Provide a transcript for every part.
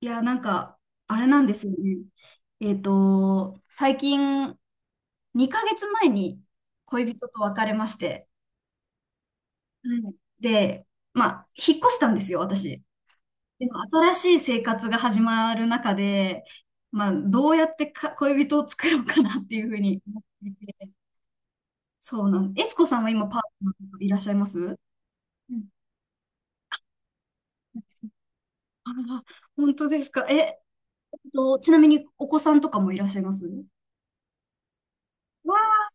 いや、なんか、あれなんですよね。最近、2ヶ月前に恋人と別れまして、はい。で、まあ、引っ越したんですよ、私。でも、新しい生活が始まる中で、まあ、どうやってか恋人を作ろうかなっていうふうに思っていて、そうなんです。悦子さんは今、パートナーとかいらっしゃいます？うん。あら、本当ですか。え、ちなみにお子さんとかもいらっしゃいます？わ。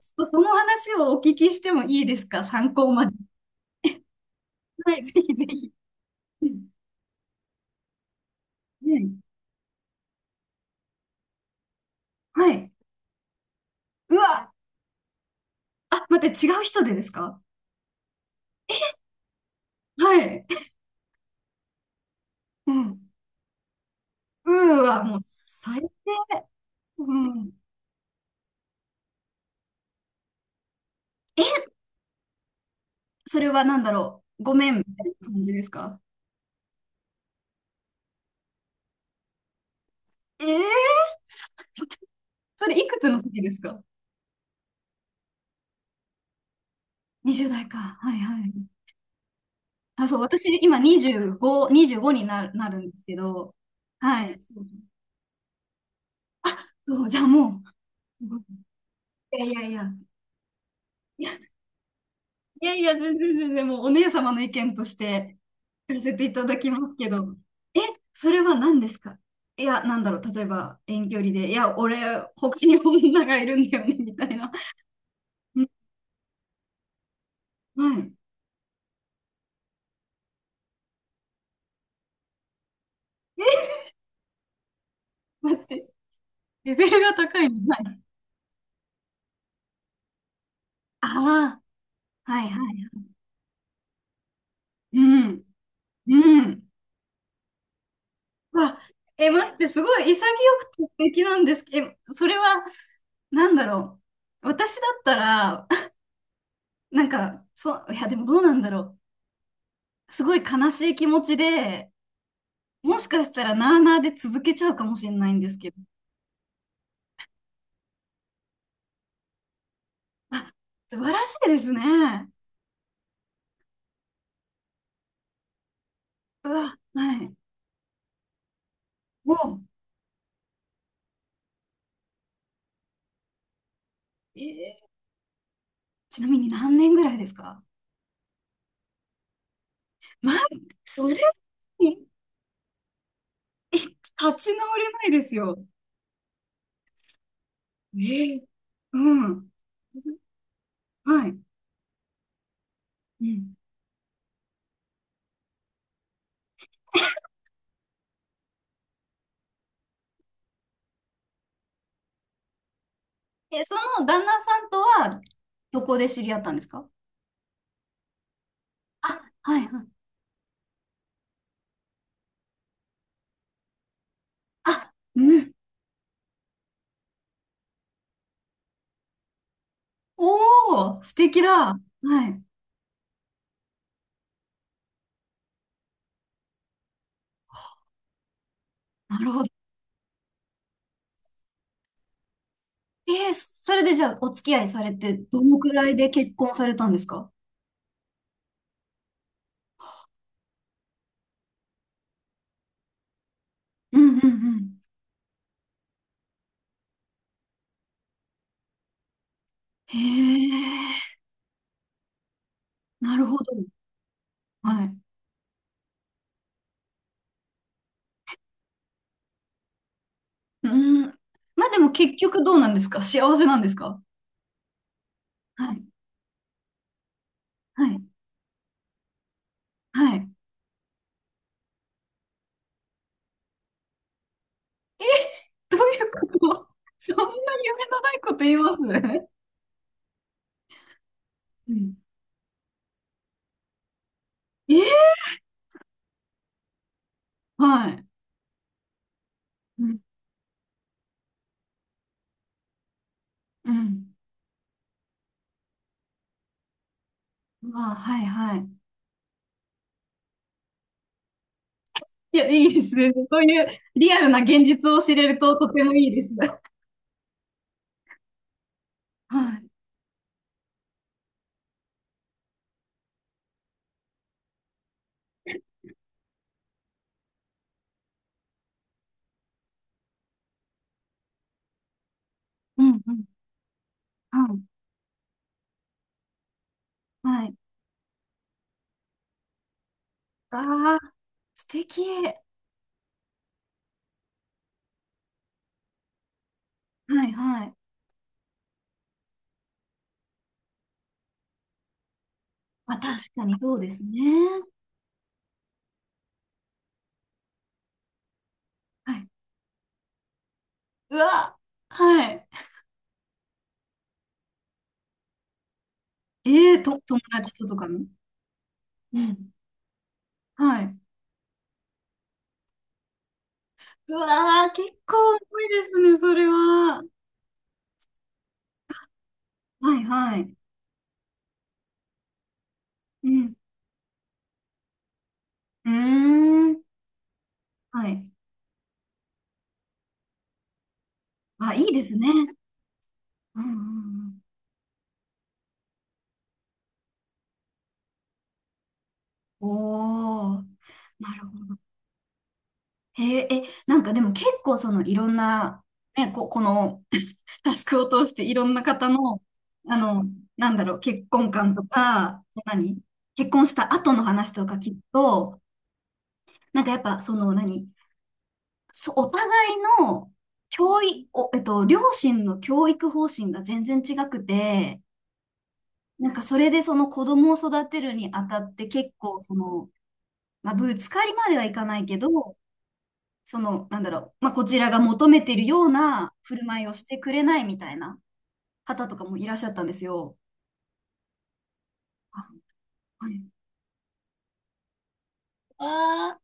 ちょっとその話をお聞きしてもいいですか？参考まで。はい、ぜひぜひ。うん。ね。はい。うわ、あ、待って、違う人でですか？はい。うん。うー、はもう最低。うん。それは何だろう。ごめんみたいな感じですか？ええ。それいくつの時ですか ?20 代か。はいはい。あ、そう、私今25、25になる、なるんですけど。はい。そうそう。そう、じゃあもう。いやいやいや。いやいや、全然全然、もうお姉様の意見としてさせていただきますけど、え、それは何ですか？いや、なんだろう、例えば遠距離で、いや、俺、他に女がいるんだよね、みたいな。うん。はい。待って、レベルが高いの。はい。ああ、はいはい。うん、うん。わ、え、待って、すごい潔くて素敵なんですけど、え、それは、なんだろう。私だったら、なんか、そう、いや、でもどうなんだろう。すごい悲しい気持ちで、もしかしたらなあなあで続けちゃうかもしれないんですけど。あ、素晴らしいですね。うわ、はい。もう、ーちなみに何年ぐらいですか？まあ、それ、立ち直れないですよ。えー。うん。はい。うん。え、その旦那さんとは、どこで知り合ったんですか？あ、はいはい。あ、うん。おー、素敵だ。はい。なるほど。えー、それでじゃあお付き合いされて、どのくらいで結婚されたんですか？うんうんうん。へえ、なるほど。はい。うん。まあでも結局どうなんですか？幸せなんですか？はい。はい。はい。どういうこと？ そんな夢のないこと言います？うん。えー、はい。うんうん。まあ、はい、はい。いや、いいですね。そういうリアルな現実を知れるととてもいいです。はい。うんうん。はい。はい。ああ、素敵。はいはい。まあ確かにそうですね。はい。うわ、はい。友達ととかに？うん。はい。うわー、結構重いですね、それは。はいはい。うん。うーん。はい。あ、いいですね。うんうんうん。おお、なるほど。へえ、え、なんかでも結構そのいろんな、ね、このタスクを通していろんな方の、あの、なんだろう、結婚観とか、何、結婚した後の話とか聞くと、なんかやっぱその何、そお互いの教育、お、両親の教育方針が全然違くて、なんかそれでその子供を育てるにあたって結構その、まあ、ぶつかりまではいかないけど、その、なんだろう、まあ、こちらが求めてるような振る舞いをしてくれないみたいな方とかもいらっしゃったんですよ。あ。はい。ああ、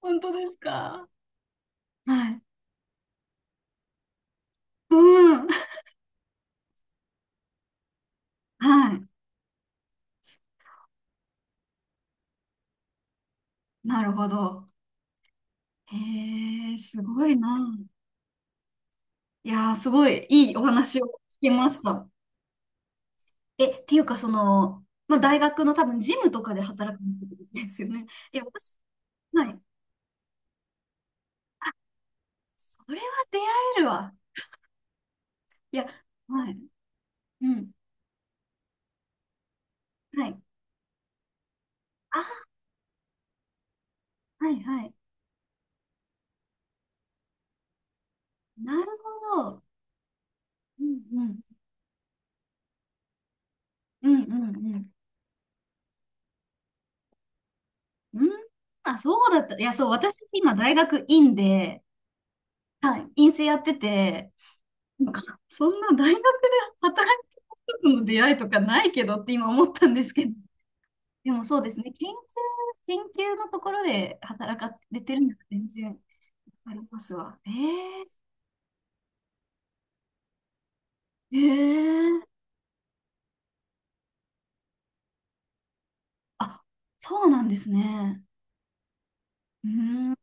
本当ですか。はい。うん。はい。なるほど。へえ、すごいな。いやー、すごいいいお話を聞けました。え、っていうか、その、まあ、大学の多分、ジムとかで働くってことですよね。いや、私、はい。それは出会えるわ。いや、はい。うん。はい。あ、はいはい。なるほど。うんうん。うんうんうん。うん。あ、そうだった。いや、そう、私、今、大学院で、はい、院生やってて、なんかそんな大学で働いてる人との出会いとかないけどって今思ったんですけど、でもそうですね、研究のところで働かれてるのは全然ありますわ。えー、あ、そうなんですね。うーん。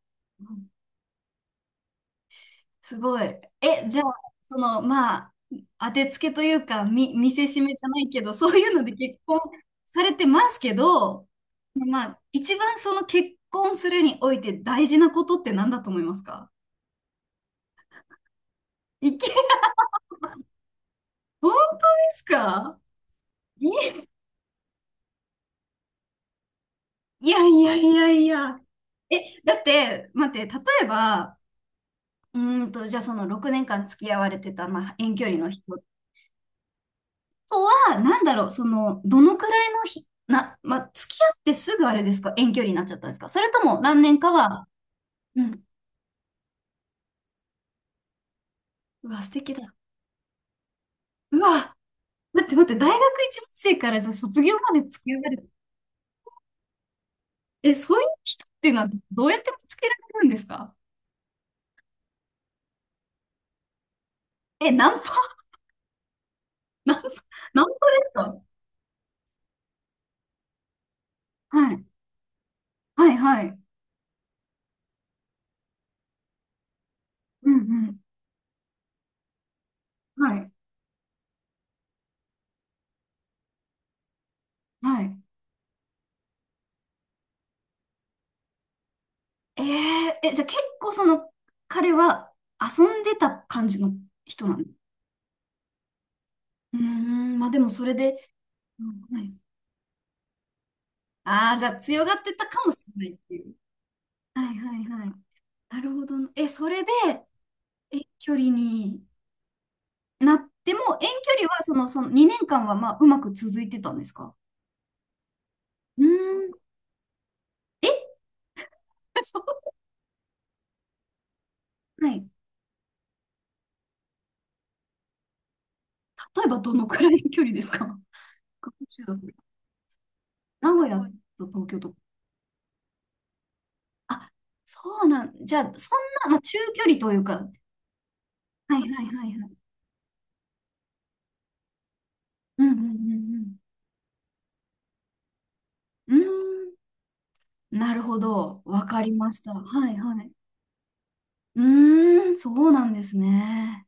すごい。え、じゃあ、その、まあ、当てつけというか、見せしめじゃないけど、そういうので結婚されてますけど、まあ、一番その結婚するにおいて大事なことって何だと思いますか？いき、本当ですか？い、いやいやいやいや。え、だって、待って、例えば、じゃあその6年間付き合われてた、まあ、遠距離の人とは、なんだろう、その、どのくらいのひ、な、ま、付き合ってすぐあれですか？遠距離になっちゃったんですか？それとも何年かは、うん。うわ、素敵だ。うわ、待って待って、大学1年生からさ卒業まで付き合われる。え、そういう人っていうのはどうやって見つけられるんですか？え、ナンパ、ナンパ、ナンパですか？はい、はい、はい。うんうん。はい、はい。えー、え、じゃあ結構その、彼は遊んでた感じの人なの？うーん、まあでもそれで、うん。ああ、じゃあ強がってたかもしれないっていう。はいはいはい。なるほどな。え、それで遠距離になっても、遠距離はその2年間はまあうまく続いてたんですか？うーん。え、そう。はい。例えばどのくらいの距離ですか？学習だ。名古屋と東京とか。あ、そうなん。じゃあ、そんな、まあ、中距離というか。はいはいはいはい。うんうんうんうん。うーん。なるほど。わかりました。はいはい。うーん、そうなんですね。